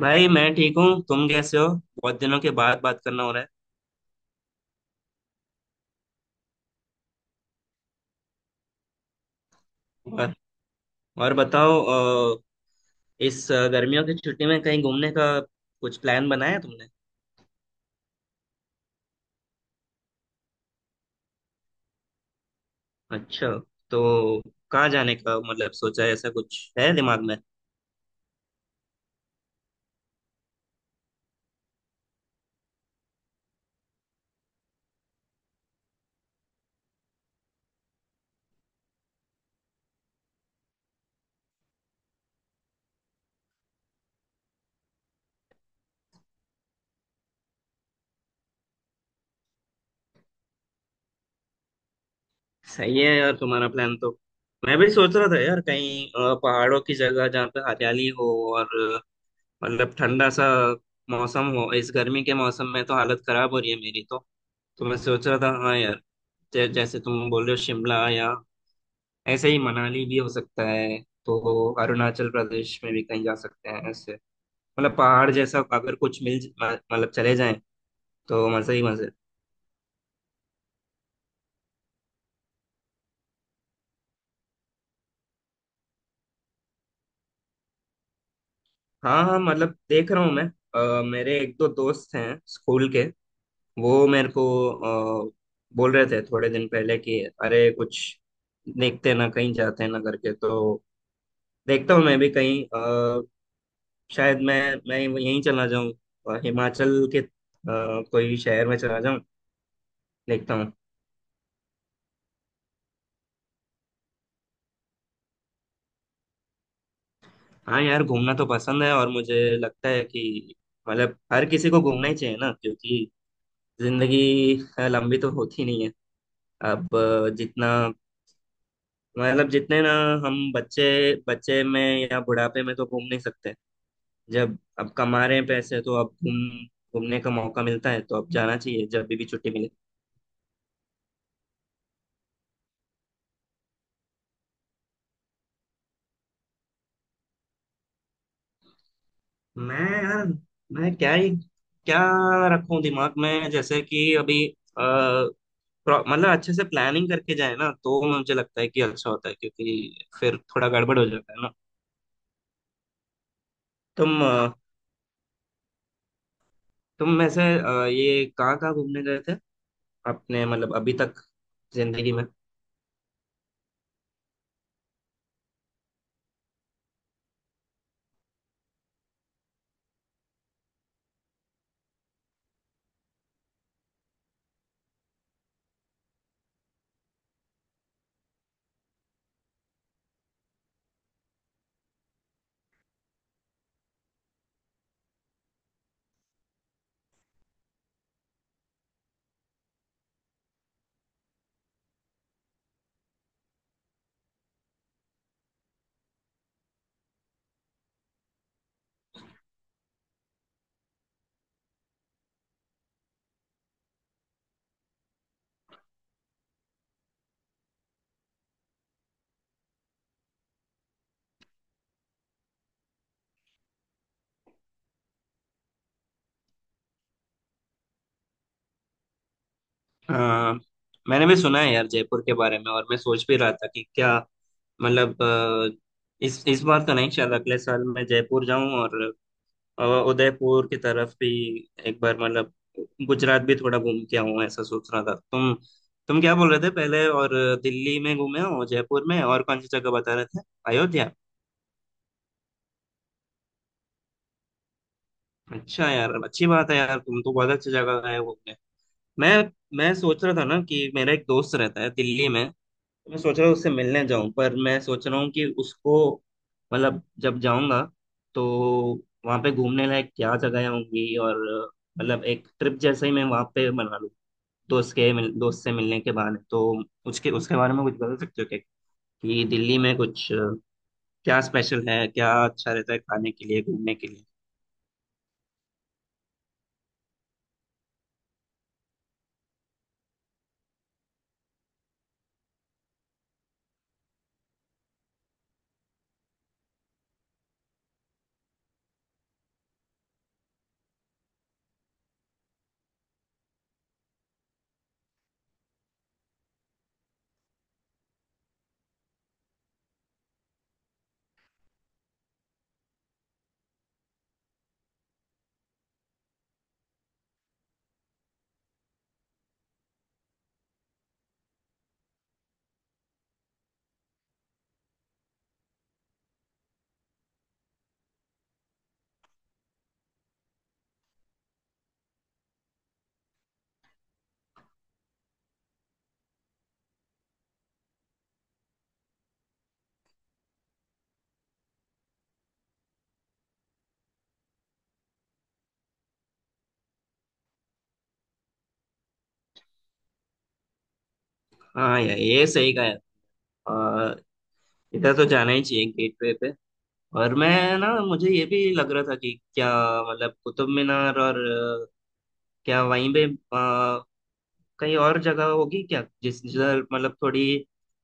भाई मैं ठीक हूँ। तुम कैसे हो? बहुत दिनों के बाद बात करना हो रहा है। और, और बताओ। अ, इस गर्मियों की छुट्टी में कहीं घूमने का कुछ प्लान बनाया तुमने? अच्छा। तो कहाँ जाने का मतलब सोचा है, ऐसा कुछ है दिमाग में? सही है यार तुम्हारा प्लान तो। मैं भी सोच रहा था यार, कहीं पहाड़ों की जगह जहाँ पे हरियाली हो, और अ, मतलब ठंडा सा मौसम हो। इस गर्मी के मौसम में तो हालत खराब हो रही है मेरी तो। तो मैं सोच रहा था हाँ यार, जैसे तुम बोल रहे हो शिमला, या ऐसे ही मनाली भी हो सकता है। तो अरुणाचल प्रदेश में भी कहीं जा सकते हैं ऐसे। मतलब पहाड़ जैसा अगर कुछ मिल मतलब चले जाएं तो मजे ही मजे। हाँ हाँ, मतलब देख रहा हूँ मैं। मेरे एक दो दोस्त हैं स्कूल के। वो मेरे को अ, बोल रहे थे थोड़े दिन पहले कि अरे कुछ देखते हैं ना, कहीं जाते हैं ना करके, तो देखता हूँ मैं भी कहीं। शायद मैं यहीं चला जाऊँ। हिमाचल के कोई शहर में चला जाऊँ। देखता हूँ। हाँ यार, घूमना तो पसंद है, और मुझे लगता है कि मतलब हर किसी को घूमना ही चाहिए ना, क्योंकि जिंदगी लंबी तो होती नहीं है। अब जितना मतलब जितने ना, हम बच्चे, बच्चे में या बुढ़ापे में तो घूम नहीं सकते। जब अब कमा रहे हैं पैसे तो अब घूमने का मौका मिलता है, तो अब जाना चाहिए जब भी छुट्टी मिले। मैं यार, मैं क्या ही क्या रखूं दिमाग में, जैसे कि अभी? मतलब अच्छे से प्लानिंग करके जाए ना, तो मुझे लगता है कि अच्छा होता है, क्योंकि फिर थोड़ा गड़बड़ हो जाता है ना। तुम अ, तुम वैसे ये कहाँ कहाँ घूमने गए थे अपने, मतलब अभी तक जिंदगी में? अ, मैंने भी सुना है यार जयपुर के बारे में, और मैं सोच भी रहा था कि क्या मतलब इस बार तो नहीं, शायद अगले साल मैं जयपुर जाऊं, और अ, उदयपुर की तरफ भी एक बार, मतलब गुजरात भी थोड़ा घूम के आऊँ, ऐसा सोच रहा था। तुम क्या बोल रहे थे पहले, और दिल्ली में घूमे हो, जयपुर में, और कौन सी जगह बता रहे थे? अयोध्या। अच्छा यार, अच्छी बात है यार, तुम तो बहुत अच्छी जगह गए घूमने। मैं मैं सोच रहा था ना कि मेरा एक दोस्त रहता है दिल्ली में। तो मैं सोच रहा हूँ उससे मिलने जाऊं, पर मैं सोच रहा हूँ कि उसको, मतलब जब जाऊंगा तो वहां पे घूमने लायक क्या जगह होंगी, और मतलब एक ट्रिप जैसे ही मैं वहां पे मना लूं, दोस्त से मिलने के बाद, तो उसके उसके बारे में कुछ बता सकते हो क्या? कि दिल्ली में कुछ क्या स्पेशल है, क्या अच्छा रहता है खाने के लिए, घूमने के लिए? हाँ यार, ये सही कहा है। और इधर तो जाना ही चाहिए, गेटवे पे। और मैं ना, मुझे ये भी लग रहा था कि क्या मतलब कुतुब मीनार, और अ, क्या वहीं पे कहीं और जगह होगी क्या, जिस जिधर मतलब थोड़ी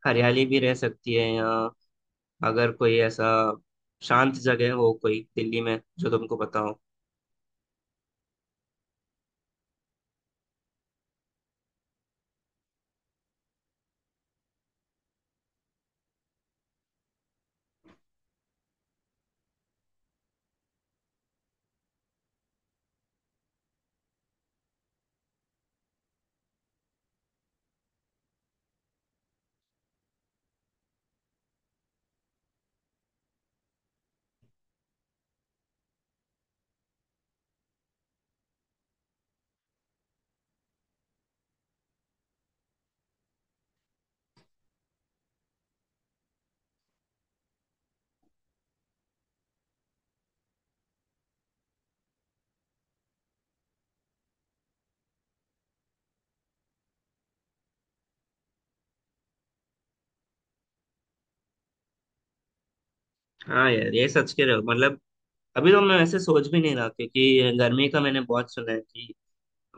हरियाली भी रह सकती है, या अगर कोई ऐसा शांत जगह हो कोई दिल्ली में जो तुमको पता हो? हाँ यार, ये सच कह रहे हो मतलब। अभी तो मैं वैसे सोच भी नहीं रहा, क्योंकि गर्मी का मैंने बहुत सुना है कि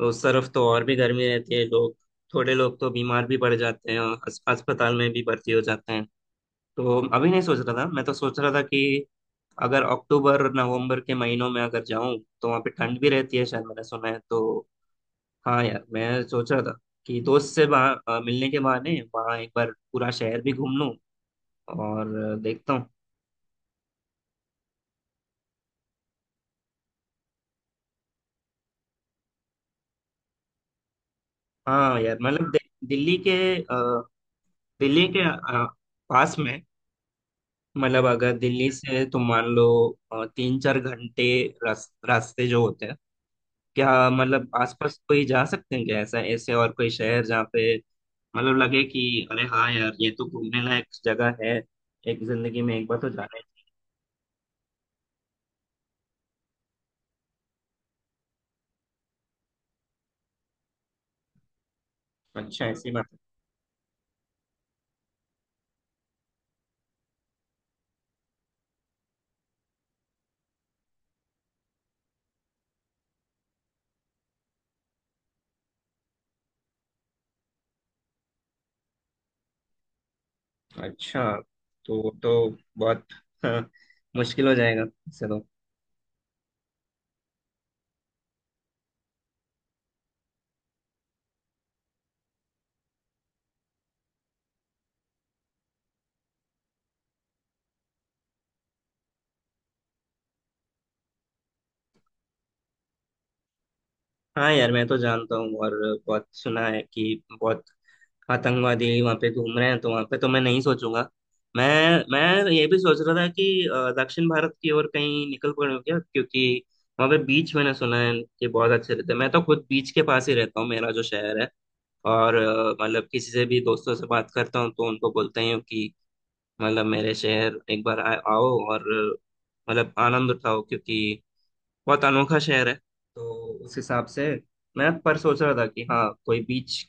उस तरफ तो और भी गर्मी रहती है। लोग, थोड़े लोग तो बीमार भी पड़ जाते हैं और अस्पताल में भी भर्ती हो जाते हैं। तो अभी नहीं सोच रहा था। मैं तो सोच रहा था कि अगर अक्टूबर नवंबर के महीनों में अगर जाऊं तो वहाँ पे ठंड भी रहती है शायद, मैंने सुना है तो। हाँ यार, मैं सोच रहा था कि दोस्त से वहाँ मिलने के बहाने वहाँ एक बार पूरा शहर भी घूम लूं, और देखता हूँ। हाँ यार मतलब, दि- दिल्ली के अ, दिल्ली के अ, पास में, मतलब अगर दिल्ली से तुम मान लो तीन चार घंटे रास्ते जो होते हैं, क्या मतलब आसपास कोई जा सकते हैं क्या, ऐसा ऐसे और कोई शहर जहाँ पे मतलब लगे कि अरे हाँ यार ये तो घूमने लायक जगह है, एक जिंदगी में एक बार तो जाना ही चाहिए। अच्छा, ऐसी बात है। अच्छा। तो बहुत, हाँ, मुश्किल हो जाएगा। चलो। हाँ यार, मैं तो जानता हूँ, और बहुत सुना है कि बहुत आतंकवादी वहाँ पे घूम रहे हैं, तो वहाँ पे तो मैं नहीं सोचूंगा। मैं मैं ये भी सोच रहा था कि दक्षिण भारत की ओर कहीं निकल पड़ूं क्या, क्योंकि वहाँ पे बीच मैंने सुना है कि बहुत अच्छे रहते हैं। मैं तो खुद बीच के पास ही रहता हूँ, मेरा जो शहर है। और मतलब किसी से भी, दोस्तों से बात करता हूँ तो उनको बोलता ही हूँ कि मतलब मेरे शहर एक बार आओ, और मतलब आनंद उठाओ, क्योंकि बहुत अनोखा शहर है। तो उस हिसाब से मैं पर सोच रहा था कि हाँ, कोई बीच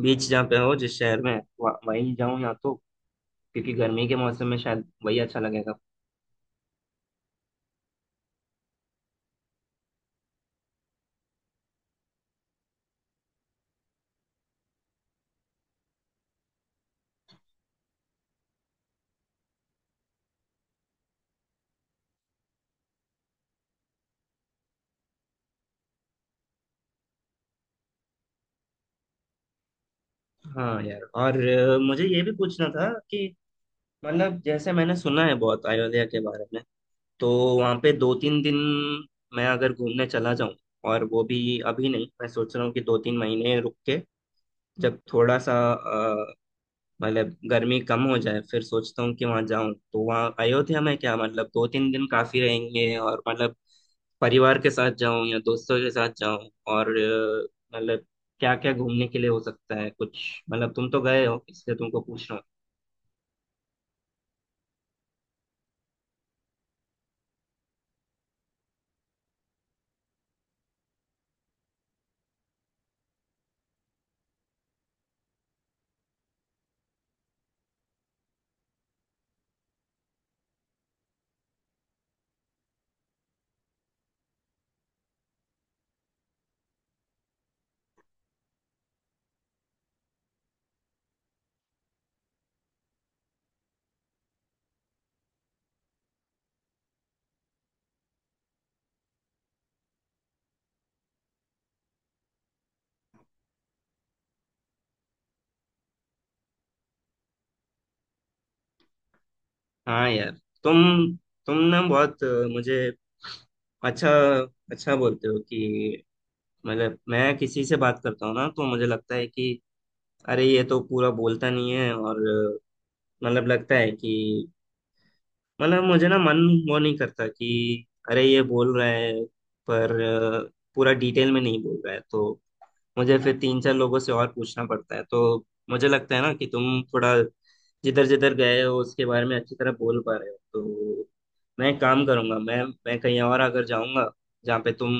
बीच जहाँ पे हो जिस शहर में, वहीं जाऊँ या तो, क्योंकि गर्मी के मौसम में शायद वही अच्छा लगेगा। हाँ यार, और मुझे ये भी पूछना था कि मतलब जैसे मैंने सुना है बहुत अयोध्या के बारे में। तो वहाँ पे दो तीन दिन मैं अगर घूमने चला जाऊँ, और वो भी अभी नहीं। मैं सोच रहा हूँ कि दो तीन महीने रुक के, जब थोड़ा सा मतलब गर्मी कम हो जाए, फिर सोचता हूँ कि वहां जाऊं। तो वहाँ अयोध्या में क्या मतलब दो तीन दिन काफी रहेंगे, और मतलब परिवार के साथ जाऊं या दोस्तों के साथ जाऊं, और मतलब क्या क्या घूमने के लिए हो सकता है कुछ? मतलब तुम तो गए हो इसलिए तुमको पूछ रहा हूँ। हाँ यार, तुम तुम ना बहुत मुझे अच्छा अच्छा बोलते हो कि मतलब मैं किसी से बात करता हूँ ना, तो मुझे लगता है कि अरे ये तो पूरा बोलता नहीं है, और मतलब लगता है कि मतलब मुझे ना मन वो नहीं करता कि अरे ये बोल रहा है, पर पूरा डिटेल में नहीं बोल रहा है, तो मुझे फिर तीन चार लोगों से और पूछना पड़ता है। तो मुझे लगता है ना कि तुम थोड़ा जिधर जिधर गए हो उसके बारे में अच्छी तरह बोल पा रहे हो। तो मैं एक काम करूंगा, मैं कहीं और अगर जाऊंगा जहाँ पे तुम,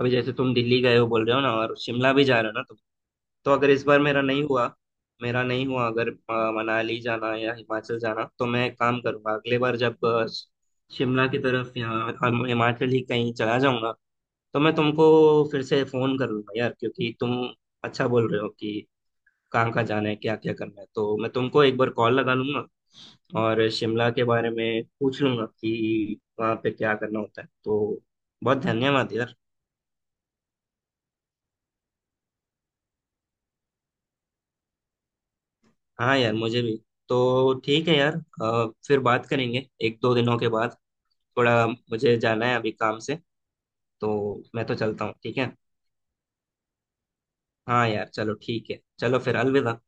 अभी जैसे तुम दिल्ली गए हो बोल रहे हो ना, और शिमला भी जा रहे हो ना, तो अगर इस बार मेरा नहीं हुआ अगर मनाली जाना या हिमाचल जाना, तो मैं एक काम करूंगा, अगले बार जब शिमला की तरफ या हिमाचल ही कहीं चला जाऊंगा, तो मैं तुमको फिर से फोन कर लूंगा यार, क्योंकि तुम अच्छा बोल रहे हो कि कहाँ कहाँ जाना है, क्या क्या करना है, तो मैं तुमको एक बार कॉल लगा लूंगा और शिमला के बारे में पूछ लूंगा कि वहाँ पे क्या करना होता है। तो बहुत धन्यवाद यार। हाँ यार, मुझे भी। तो ठीक है यार, फिर बात करेंगे एक दो दिनों के बाद। थोड़ा मुझे जाना है अभी काम से, तो मैं तो चलता हूँ, ठीक है। हाँ यार, चलो ठीक है, चलो फिर अलविदा।